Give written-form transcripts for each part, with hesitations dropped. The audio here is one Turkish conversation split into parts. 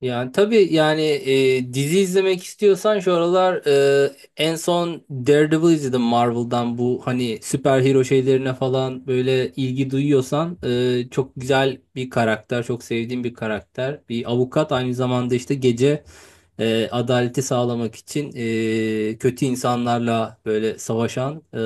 Dizi izlemek istiyorsan şu aralar e, en son Daredevil izledim Marvel'dan. Bu hani süper hero şeylerine falan böyle ilgi duyuyorsan çok güzel bir karakter, çok sevdiğim bir karakter, bir avukat. Aynı zamanda işte gece adaleti sağlamak için kötü insanlarla böyle savaşan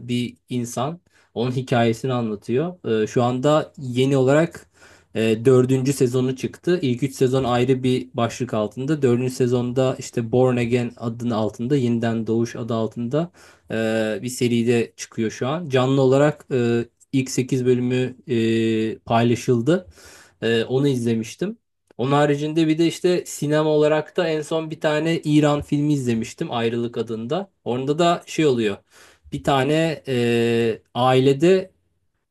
bir insan. Onun hikayesini anlatıyor. Şu anda yeni olarak dördüncü sezonu çıktı. İlk üç sezon ayrı bir başlık altında. Dördüncü sezonda işte Born Again adının altında, Yeniden Doğuş adı altında bir seride çıkıyor şu an. Canlı olarak ilk 8 bölümü paylaşıldı. Onu izlemiştim. Onun haricinde bir de işte sinema olarak da en son bir tane İran filmi izlemiştim, Ayrılık adında. Orada da şey oluyor. Bir tane ailede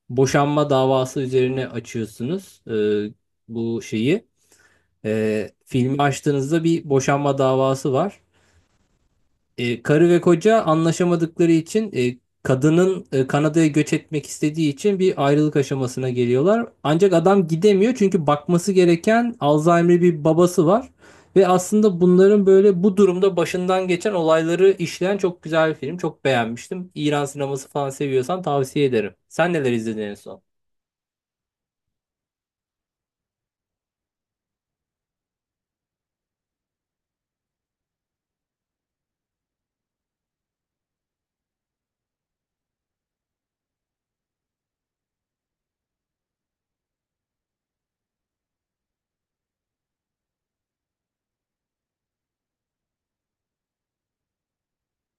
boşanma davası üzerine açıyorsunuz bu şeyi. Filmi açtığınızda bir boşanma davası var. Karı ve koca anlaşamadıkları için, kadının Kanada'ya göç etmek istediği için bir ayrılık aşamasına geliyorlar. Ancak adam gidemiyor çünkü bakması gereken Alzheimer'lı bir babası var. Ve aslında bunların böyle bu durumda başından geçen olayları işleyen çok güzel bir film. Çok beğenmiştim. İran sineması falan seviyorsan tavsiye ederim. Sen neler izledin en son?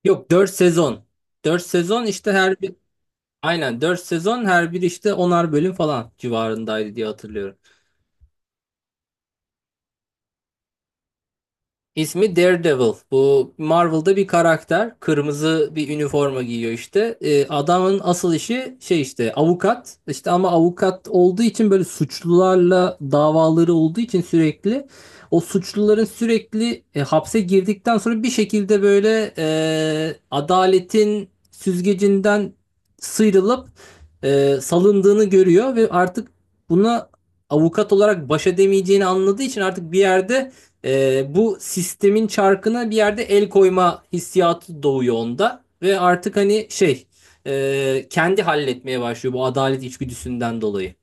Yok, 4 sezon. 4 sezon, işte her bir, aynen 4 sezon, her bir işte onar bölüm falan civarındaydı diye hatırlıyorum. İsmi Daredevil. Bu Marvel'da bir karakter. Kırmızı bir üniforma giyiyor işte. Adamın asıl işi şey işte, avukat. İşte ama avukat olduğu için, böyle suçlularla davaları olduğu için sürekli o suçluların sürekli hapse girdikten sonra bir şekilde böyle adaletin süzgecinden sıyrılıp salındığını görüyor ve artık buna avukat olarak baş edemeyeceğini anladığı için, artık bir yerde bu sistemin çarkına bir yerde el koyma hissiyatı doğuyor onda. Ve artık hani şey, kendi halletmeye başlıyor bu adalet içgüdüsünden dolayı.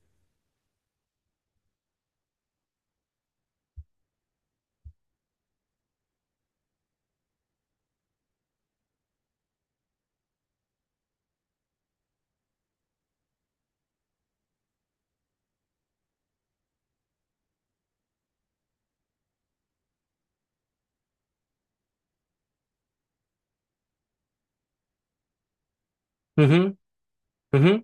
Hı hı, hı hı.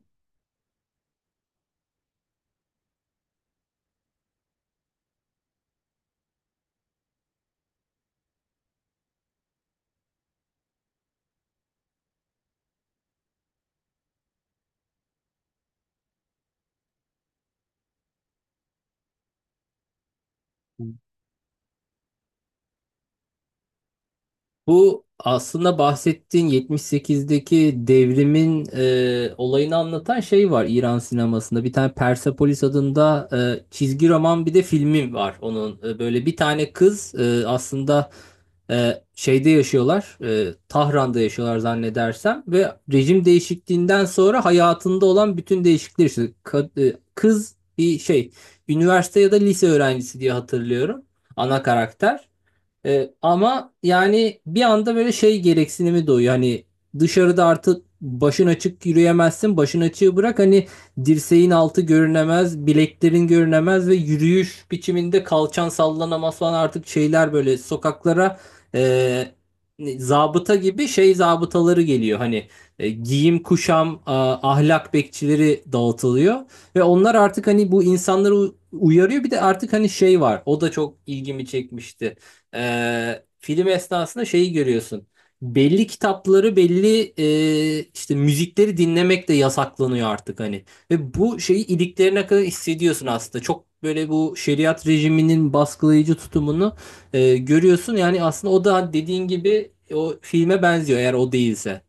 Bu aslında bahsettiğin 78'deki devrimin olayını anlatan şey var İran sinemasında. Bir tane Persepolis adında çizgi roman, bir de filmi var onun. Böyle bir tane kız, aslında şeyde yaşıyorlar, Tahran'da yaşıyorlar zannedersem. Ve rejim değişikliğinden sonra hayatında olan bütün değişiklikler işte, kız bir şey, üniversite ya da lise öğrencisi diye hatırlıyorum ana karakter. Ama yani bir anda böyle şey gereksinimi doğuyor. Hani dışarıda artık başın açık yürüyemezsin. Başın açığı bırak, hani dirseğin altı görünemez, bileklerin görünemez ve yürüyüş biçiminde kalçan sallanamaz falan, artık şeyler böyle sokaklara e, zabıta gibi şey zabıtaları geliyor. Hani giyim kuşam, ahlak bekçileri dağıtılıyor ve onlar artık hani bu insanları uyarıyor. Bir de artık hani şey var. O da çok ilgimi çekmişti. Film esnasında şeyi görüyorsun. Belli kitapları, belli işte müzikleri dinlemek de yasaklanıyor artık hani. Ve bu şeyi iliklerine kadar hissediyorsun aslında. Çok böyle bu şeriat rejiminin baskılayıcı tutumunu görüyorsun. Yani aslında o da dediğin gibi o filme benziyor, eğer o değilse.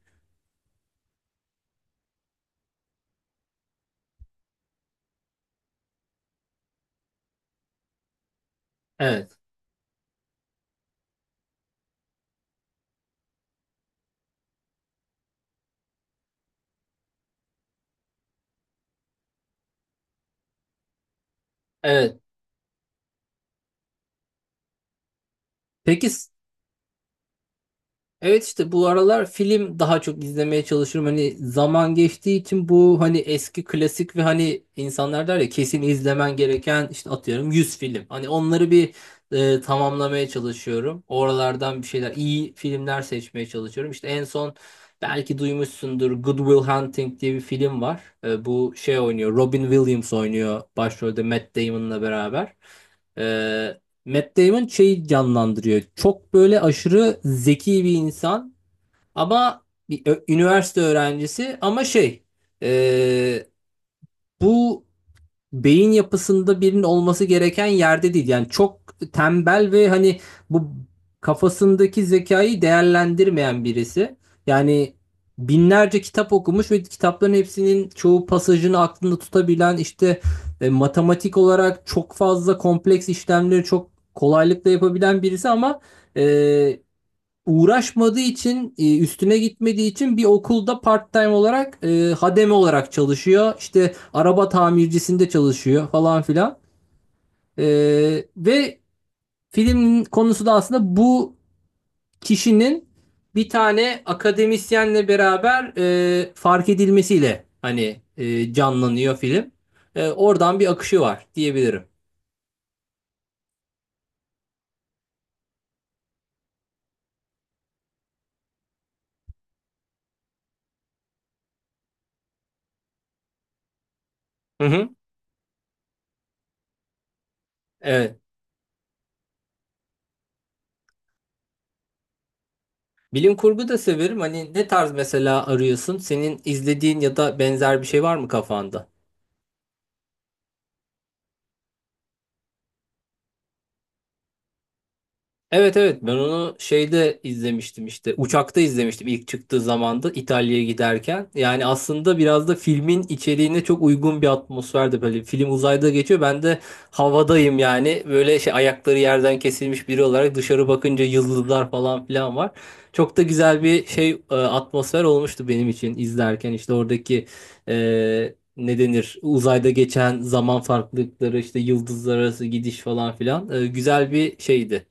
Evet. Evet. Peki. Evet, işte bu aralar film daha çok izlemeye çalışıyorum. Hani zaman geçtiği için, bu hani eski klasik, ve hani insanlar der ya, kesin izlemen gereken işte atıyorum 100 film. Hani onları bir tamamlamaya çalışıyorum. Oralardan bir şeyler, iyi filmler seçmeye çalışıyorum. İşte en son, belki duymuşsundur, Good Will Hunting diye bir film var. Bu şey oynuyor, Robin Williams oynuyor başrolde Matt Damon'la beraber. E, Matt Damon şeyi canlandırıyor. Çok böyle aşırı zeki bir insan ama bir üniversite öğrencisi, ama şey, e, bu beyin yapısında birinin olması gereken yerde değil. Yani çok tembel ve hani bu kafasındaki zekayı değerlendirmeyen birisi. Yani binlerce kitap okumuş ve kitapların hepsinin çoğu pasajını aklında tutabilen, işte matematik olarak çok fazla kompleks işlemleri çok kolaylıkla yapabilen birisi. Ama e, uğraşmadığı için, üstüne gitmediği için bir okulda part-time olarak hademe olarak çalışıyor. İşte araba tamircisinde çalışıyor falan filan. E, ve filmin konusu da aslında bu kişinin bir tane akademisyenle beraber fark edilmesiyle hani canlanıyor film. Oradan bir akışı var diyebilirim. Hı hı. Evet. Bilim kurgu da severim. Hani ne tarz mesela arıyorsun? Senin izlediğin ya da benzer bir şey var mı kafanda? Evet, evet, ben onu şeyde izlemiştim, işte uçakta izlemiştim ilk çıktığı zamanda, İtalya'ya giderken. Yani aslında biraz da filmin içeriğine çok uygun bir atmosferde, böyle film uzayda geçiyor, ben de havadayım. Yani böyle şey, ayakları yerden kesilmiş biri olarak dışarı bakınca yıldızlar falan filan var. Çok da güzel bir şey, atmosfer olmuştu benim için izlerken. İşte oradaki ne denir, uzayda geçen zaman farklılıkları, işte yıldızlar arası gidiş falan filan, güzel bir şeydi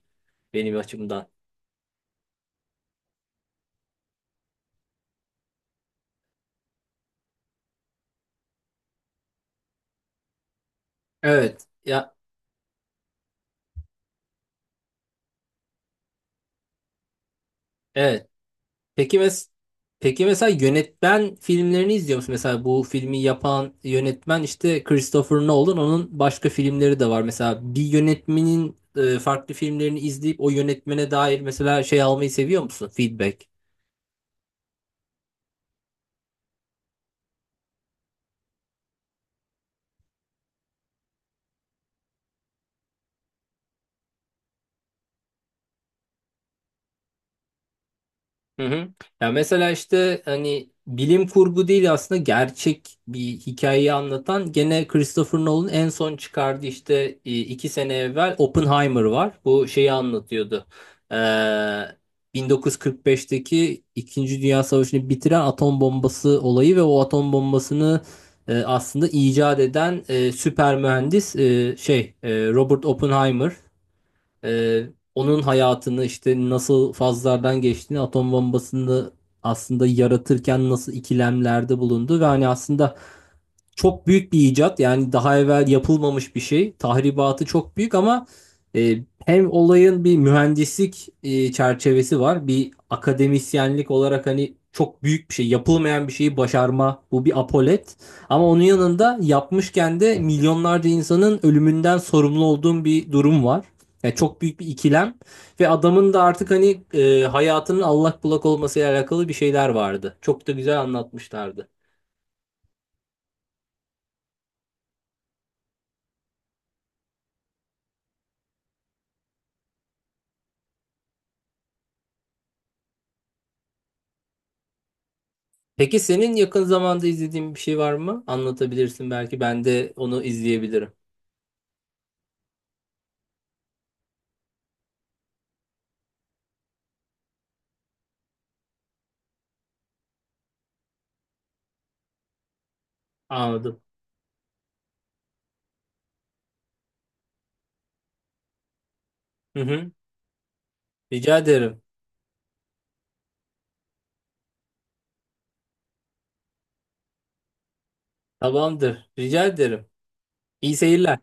benim açımdan. Evet. Ya evet. Peki mes Peki mesela yönetmen filmlerini izliyor musun? Mesela bu filmi yapan yönetmen işte Christopher Nolan. Onun başka filmleri de var. Mesela bir yönetmenin farklı filmlerini izleyip o yönetmene dair mesela şey almayı seviyor musun? Feedback. Hı hı. Ya mesela işte hani bilim kurgu değil, aslında gerçek bir hikayeyi anlatan, gene Christopher Nolan en son çıkardı işte 2 sene evvel, Oppenheimer var. Bu şeyi anlatıyordu. Ee, 1945'teki İkinci Dünya Savaşı'nı bitiren atom bombası olayı ve o atom bombasını aslında icat eden süper mühendis, Robert Oppenheimer. Ee, onun hayatını, işte nasıl fazlardan geçtiğini, atom bombasını aslında yaratırken nasıl ikilemlerde bulundu ve hani aslında çok büyük bir icat. Yani daha evvel yapılmamış bir şey. Tahribatı çok büyük ama e, hem olayın bir mühendislik çerçevesi var. Bir akademisyenlik olarak hani çok büyük bir şey, yapılmayan bir şeyi başarma. Bu bir apolet. Ama onun yanında yapmışken de milyonlarca insanın ölümünden sorumlu olduğum bir durum var. Yani çok büyük bir ikilem. Ve adamın da artık hani hayatının allak bullak olmasıyla alakalı bir şeyler vardı. Çok da güzel anlatmışlardı. Peki senin yakın zamanda izlediğin bir şey var mı? Anlatabilirsin, belki ben de onu izleyebilirim. Anladım. Hı hı. Rica ederim. Tamamdır. Rica ederim. İyi seyirler.